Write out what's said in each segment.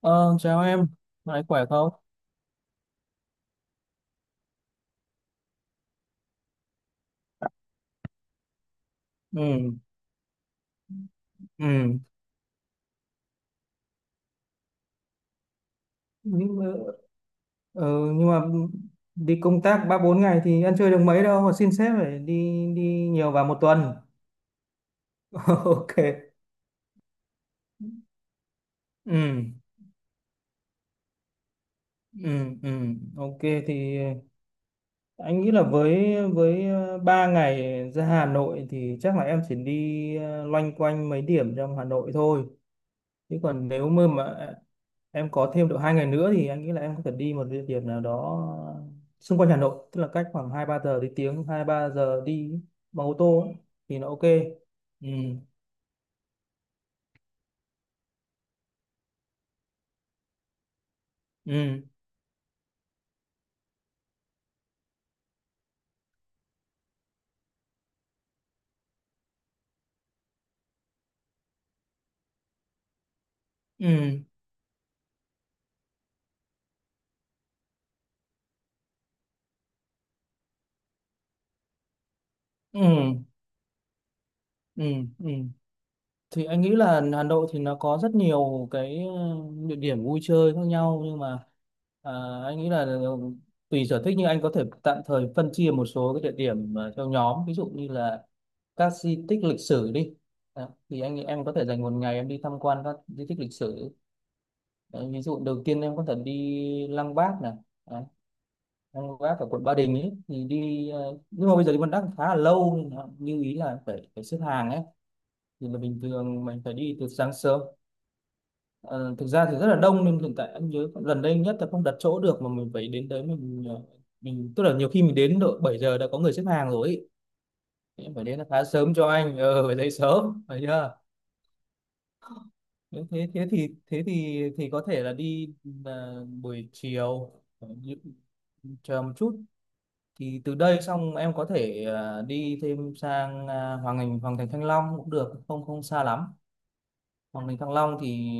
Ờ, Chào em, lại khỏe không? Ừ. Ừ. nhưng mà, ờ, nhưng mà đi công tác ba bốn ngày thì ăn chơi được mấy đâu mà xin sếp phải đi đi nhiều vào một tuần. OK. Ừ. Ừ. Ừ. OK, thì anh nghĩ là với 3 ngày ra Hà Nội thì chắc là em chỉ đi loanh quanh mấy điểm trong Hà Nội thôi, chứ còn nếu mà em có thêm độ 2 ngày nữa thì anh nghĩ là em có thể đi một địa điểm nào đó xung quanh Hà Nội, tức là cách khoảng hai ba giờ đi tiếng hai ba giờ đi bằng ô tô ấy, thì nó OK. Ừ. Ừ. Ừ. Ừ. Ừ. Ừ, thì anh nghĩ là Hà Nội thì nó có rất nhiều cái địa điểm vui chơi khác nhau, nhưng mà à, anh nghĩ là tùy sở thích, nhưng anh có thể tạm thời phân chia một số cái địa điểm theo nhóm, ví dụ như là các di tích lịch sử đi. Đó, thì anh nghĩ em có thể dành một ngày em đi tham quan các di tích lịch sử. Đấy, ví dụ đầu tiên em có thể đi Lăng Bác này. Đấy, Lăng Bác ở quận Ba Đình ấy, thì đi nhưng mà bây giờ đi Lăng Bác khá là lâu nên là như ý là phải phải xếp hàng ấy, thì là bình thường mình phải đi từ sáng sớm. Ờ, Thực ra thì rất là đông, nhưng hiện tại anh nhớ gần đây nhất là không đặt chỗ được mà mình phải đến tới mình tức là nhiều khi mình đến độ 7 giờ đã có người xếp hàng rồi ý. Em phải đến là khá sớm, cho anh phải dậy sớm phải chưa? Nếu thế thế thì thế thì thì có thể là đi buổi chiều. Ờ, những- chờ một chút. Thì từ đây xong em có thể đi thêm sang Hoàng Thành Thăng Long cũng được, không không xa lắm. Hoàng Thành Thăng Long thì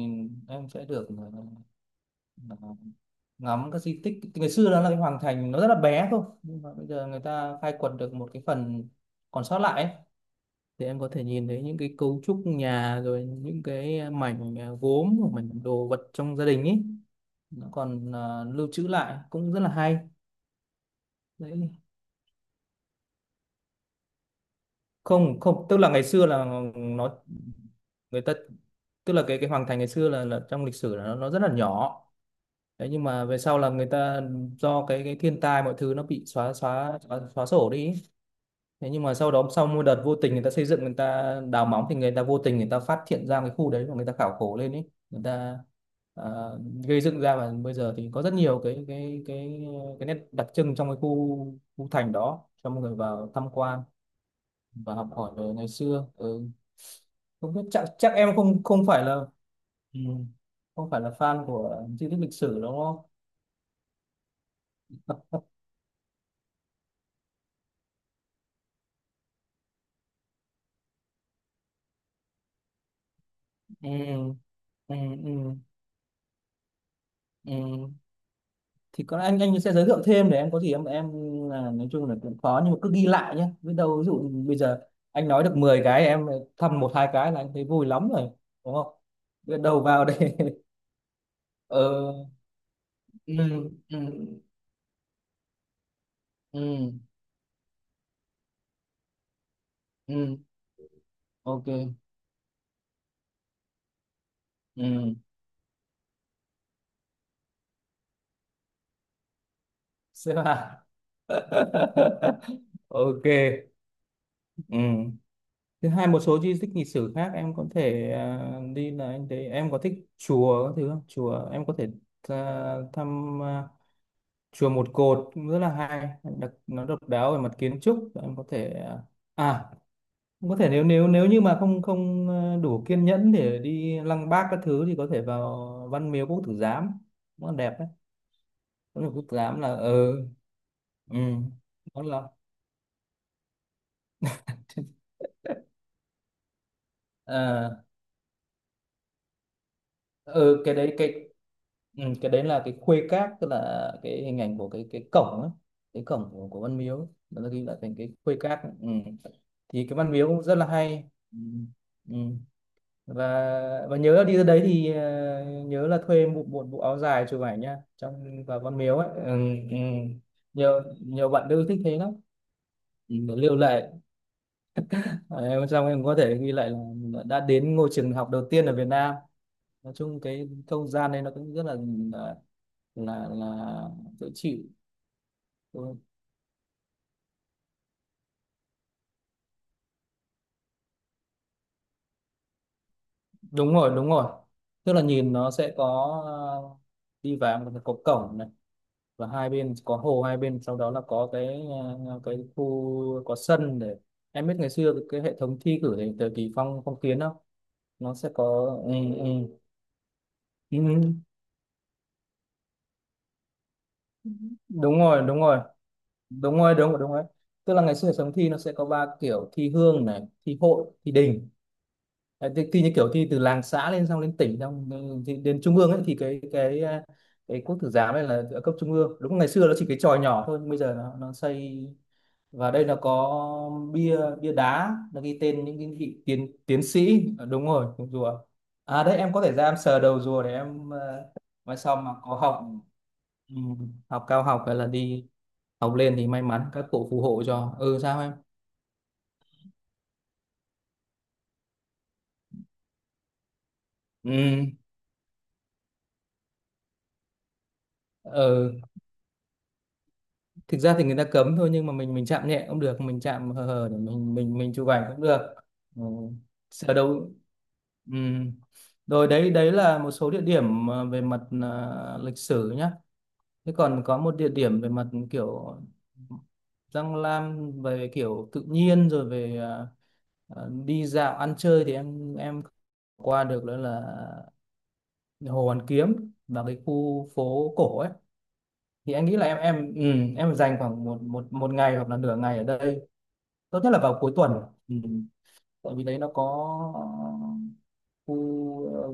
em sẽ được ờ, Ờ, ngắm các di tích ngày xưa. Đó là cái hoàng thành, nó rất là bé thôi, nhưng mà bây giờ người ta khai quật được một cái phần còn sót lại ấy. Thì em có thể nhìn thấy những cái cấu trúc nhà, rồi những cái mảnh gốm hoặc mảnh đồ vật trong gia đình ấy, nó còn lưu trữ lại, cũng rất là hay. Đấy. Không không, tức là ngày xưa là nó người ta tức là cái hoàng thành ngày xưa là trong lịch sử là nó rất là nhỏ. Đấy, nhưng mà về sau là người ta do cái thiên tai mọi thứ nó bị xóa sổ đi. Thế nhưng mà sau đó, sau một đợt vô tình người ta xây dựng, người ta đào móng thì người ta vô tình người ta phát hiện ra cái khu đấy, và người ta khảo cổ lên ấy, người ta ờ, gây dựng ra. Và bây giờ thì có rất nhiều cái nét đặc trưng trong cái khu khu thành đó cho mọi người vào tham quan và học hỏi về ngày xưa. Ừ. Không biết, chắc chắc em không không phải là ừ, không phải là fan của di tích lịch sử đúng không? Ừ. Ừ. Ừ. Ừ. Thì có lẽ anh sẽ giới thiệu thêm, để em có gì em là nói chung là cũng khó, nhưng mà cứ ghi lại nhé, biết đâu. Ví dụ bây giờ anh nói được 10 cái, em thăm một hai cái là anh thấy vui lắm rồi, đúng không? Biết đầu vào đây. ờ ừ. Ừ. Ừ. Ừ. OK. Ừ. Xếp hạng. OK. Ừ. Thứ hai, một số di tích lịch sử khác em có thể đi là anh thấy em có thích chùa các thứ không? Chùa em có thể thăm chùa Một Cột, cũng rất là hay đặc, nó độc đáo về mặt kiến trúc. Em có thể à cũng có thể, nếu nếu nếu như mà không không ờ, đủ kiên nhẫn để đi Lăng Bác các thứ thì có thể vào Văn Miếu Quốc Tử Giám, nó đẹp đấy. Văn Miếu Quốc Tử Giám là ừ, nó là. ờ ừ, cái đấy cái ừ, cái đấy là cái khuê các, tức là cái hình ảnh của cái cổng ấy, cái cổng của Văn Miếu, nó ghi lại thành cái khuê các. Ừ. Thì cái Văn Miếu cũng rất là hay. Ừ. Ừ. và và nhớ là đi ra đấy thì nhớ là thuê một bộ, bộ áo dài chụp ảnh nha, trong vào văn miếu ấy. Ừ. Ừ. nhiều nhiều bạn nữ thích thế lắm. Ừ, để lưu lại. Ờ, em trong em có thể ghi lại là mình đã đến ngôi trường học đầu tiên ở Việt Nam. Nói chung cái không gian này nó cũng rất là là là dễ chịu. Đúng, đúng rồi, đúng rồi, tức là nhìn nó sẽ có ờ, đi vào một cái cổng, và hai bên có hồ hai bên. Sau đó là có cái cái khu có sân để. Em biết ngày xưa cái hệ thống thi cử thì thời kỳ phong phong kiến không? Nó sẽ có. Ừ. Ừ. Ừ. Đúng rồi, đúng rồi, đúng rồi, đúng rồi, đúng rồi. Tức là ngày xưa hệ thống thi nó sẽ có ba kiểu: thi hương này, thi hội, thi đình. Đấy, thi như kiểu thi từ làng xã lên xong lên tỉnh xong, ừ, thì đến trung ương ấy. Thì cái cái Quốc Tử Giám này là ở cấp trung ương. Đúng, ngày xưa nó chỉ cái chòi nhỏ thôi, nhưng bây giờ nó xây. Và đây là có bia bia đá, nó ghi tên những cái vị tiến tiến sĩ. Ờ, đúng rồi, cùng rùa. À, đấy em có thể ra em sờ đầu rùa để em mai sau mà có học, ừ, học cao học hay là đi học lên thì may mắn, các cụ phù hộ cho. Ừ sao em. Ừ. Ờ, thực ra thì người ta cấm thôi, nhưng mà mình chạm nhẹ cũng được, mình chạm hờ hờ để mình chụp ảnh cũng được. Ừ. Sờ đầu. Ừ. Rồi, đấy đấy là một số địa điểm về mặt lịch sử nhá. Thế còn có một địa điểm về mặt kiểu răng lam, về kiểu tự nhiên rồi về đi dạo ăn chơi thì em qua được, đó là Hồ Hoàn Kiếm và cái khu phố cổ ấy. Thì anh nghĩ là em em dành khoảng một một một ngày hoặc là nửa ngày ở đây, tốt nhất là vào cuối tuần. Ừ. Tại vì đấy nó có khu.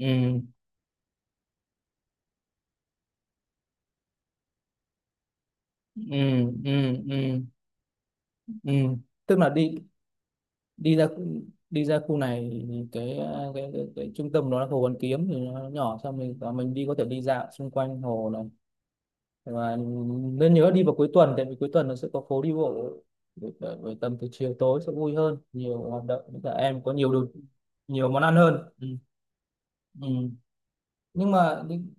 Ừ. Ừ. Ừ. Ừ. Ừ. Ừ. tức là đi đi ra khu- đi ra khu này thì cái cái trung tâm nó là hồ Hoàn Kiếm, thì nó nhỏ xong mình và mình đi, có thể đi dạo xung quanh hồ này. Và nên nhớ đi vào cuối tuần, tại vì cuối tuần nó sẽ có phố đi bộ. Bởi tầm từ chiều tối sẽ vui hơn, nhiều hoạt động, với cả em có nhiều đồ, nhiều món ăn hơn. Ừ. Ừ. nhưng mà nhưng-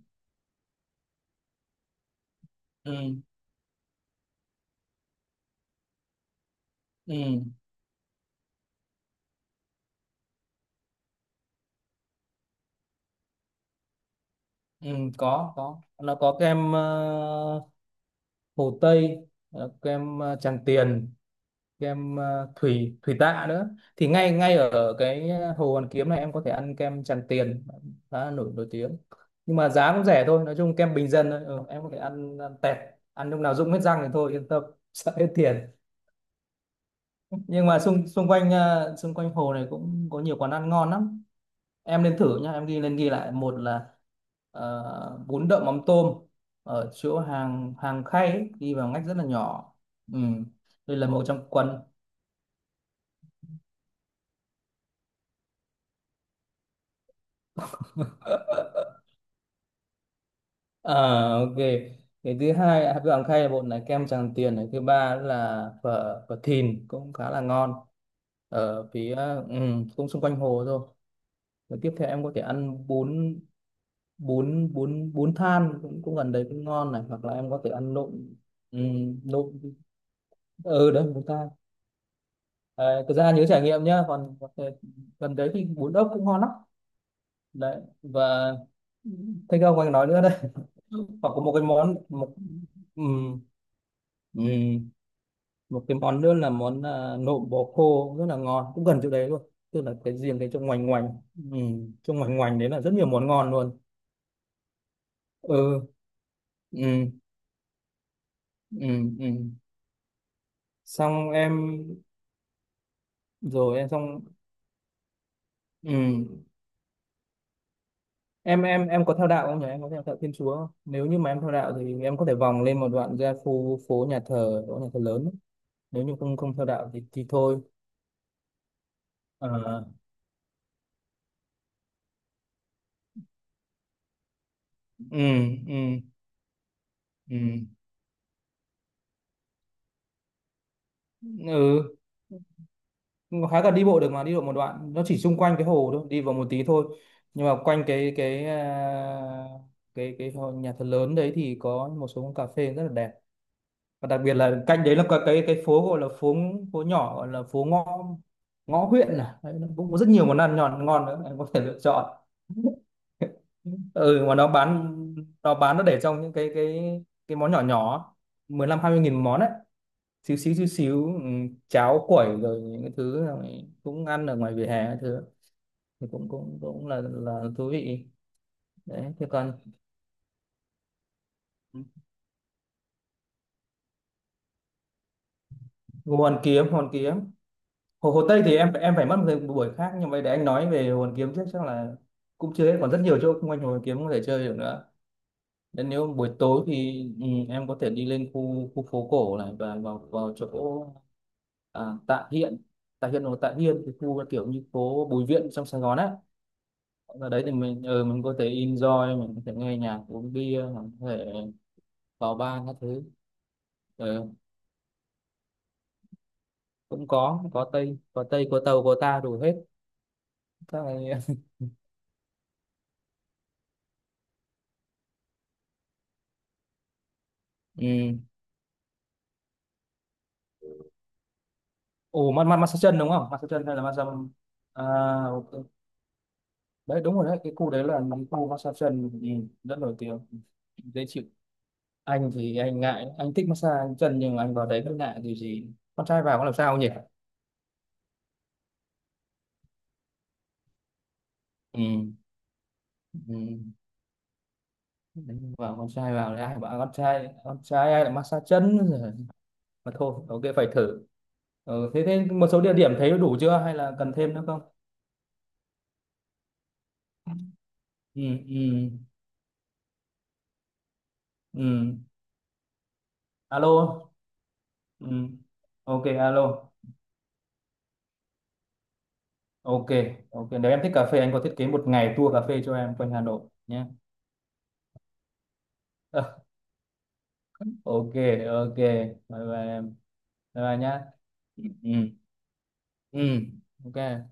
ừ. Ừ. Ừ. Có, nó có kem hồ Tây, kem Tràng Tiền, kem ờ, thủy thủy tạ nữa. Thì ngay ngay ở cái Hồ Hoàn Kiếm này em có thể ăn kem Tràng Tiền, khá là nổi nổi tiếng, nhưng mà giá cũng rẻ thôi, nói chung kem bình dân thôi. Ừ, em có thể ăn, ăn tẹt, ăn lúc nào rụng hết răng thì thôi, yên tâm. Sợ hết tiền. Nhưng mà xung xung quanh xung quanh hồ này cũng có nhiều quán ăn ngon lắm, em nên thử nhá. Em ghi lên ghi lại, một là bún đậu mắm tôm ở chỗ hàng hàng Khay ấy, đi vào ngách rất là nhỏ. Ừ. Đây là một trong quần. À, OK. Cái thứ hai, hạt gạo Khay là bột này, kem Tràng Tiền này. Thứ ba là phở phở Thìn cũng khá là ngon, ở phía ừ, cũng xung quanh hồ thôi. Rồi tiếp theo em có thể ăn bún bún bún bún than cũng cũng gần đấy cũng ngon này, hoặc là em có thể ăn nộm. Ừ, nộm. Ừ, đấy bún than. À, thực ra nhớ trải nghiệm nhá, còn có thể gần đấy thì bún ốc cũng ngon lắm đấy. Và thấy không, anh nói nữa đấy. Hoặc có một cái món. Một. Ừ. Ừ. Một cái món nữa là món nộm bò khô, rất là ngon, cũng gần chỗ đấy luôn. Tức là cái riêng cái chỗ ngoành ngoành ừ, chỗ ngoành ngoành đấy là rất nhiều món ngon luôn. Ừ. Ừ. Ừ. Ừ. Xong em. Rồi em xong. Ừ. Em em có theo đạo không nhỉ? Em có theo đạo Thiên Chúa không? Nếu như mà em theo đạo thì em có thể vòng lên một đoạn ra khu phố nhà thờ, chỗ nhà thờ lớn ấy. Nếu như không không theo đạo thì thôi. Ờ. Ừ. Ừ. Ừ. Ừ. Khá là đi bộ được mà, đi bộ một đoạn, nó chỉ xung quanh cái hồ thôi, đi vào một tí thôi. Nhưng mà quanh cái à, cái cái hồ- nhà thờ lớn đấy thì có một số quán cà phê rất là đẹp. Và đặc biệt là cạnh đấy là có cái phố gọi là phố phố nhỏ, gọi là phố ngõ ngõ Huyện. À đấy, nó cũng có rất nhiều món ăn ngon ngon nữa em có thể lựa chọn. Ừ, mà nó bán, nó bán, nó để trong những cái món nhỏ nhỏ, 15 20 nghìn một món đấy, xíu xíu xíu xíu ừ, cháo quẩy rồi những cái thứ là mình cũng ăn ở ngoài vỉa hè cái thứ, thì cũng cũng cũng là thú vị. Đấy thế còn Hồ Hoàn Kiếm, Hồ Hoàn Kiếm. Hồ Hồ Tây thì em phải mất một buổi khác, nhưng mà để anh nói về Hồ Hoàn Kiếm trước, chắc là cũng chưa hết, còn rất nhiều chỗ xung quanh Hồ Hoàn Kiếm có thể chơi được nữa. Nên nếu buổi tối thì ừ, em có thể đi lên khu khu phố cổ này, và vào vào chỗ Tạ Hiện. Tạ Hiện hoặc Tạ Hiên, cái khu kiểu như phố Bùi Viện trong Sài Gòn á. Ở đấy thì mình ừ, mình có thể enjoy, mình có thể nghe nhạc, uống bia, mình có thể vào bar các thứ. Ừ, cũng có tây, có tàu có ta đủ hết, các này. Ừ. Ồ, mát mát massage chân đúng không? Massage chân hay là massage? À, OK. Đấy đúng rồi, đấy cái khu đấy là cái khu massage chân, ừ, rất nổi tiếng, dễ chịu. Anh thì anh ngại, anh thích massage chân nhưng mà anh vào đấy rất ngại điều gì, con trai vào có làm sao nhỉ? Ừ. Ừ. Đánh vào, con trai vào thì ai bảo con trai, con trai ai lại massage chân. Rồi mà thôi, OK phải thử. Ừ, thế thế một số địa điểm thấy đủ chưa hay là cần thêm nữa không? Ừ. Ừ. Ừ. Alo. Ừ. OK, alo. OK. OK, nếu em thích cà phê anh có thiết kế một ngày tour cà phê cho em quanh Hà Nội nhé. OK. OK. Bye bye em. Bye bye nhá. Ừ. Ừ. Ừ. OK.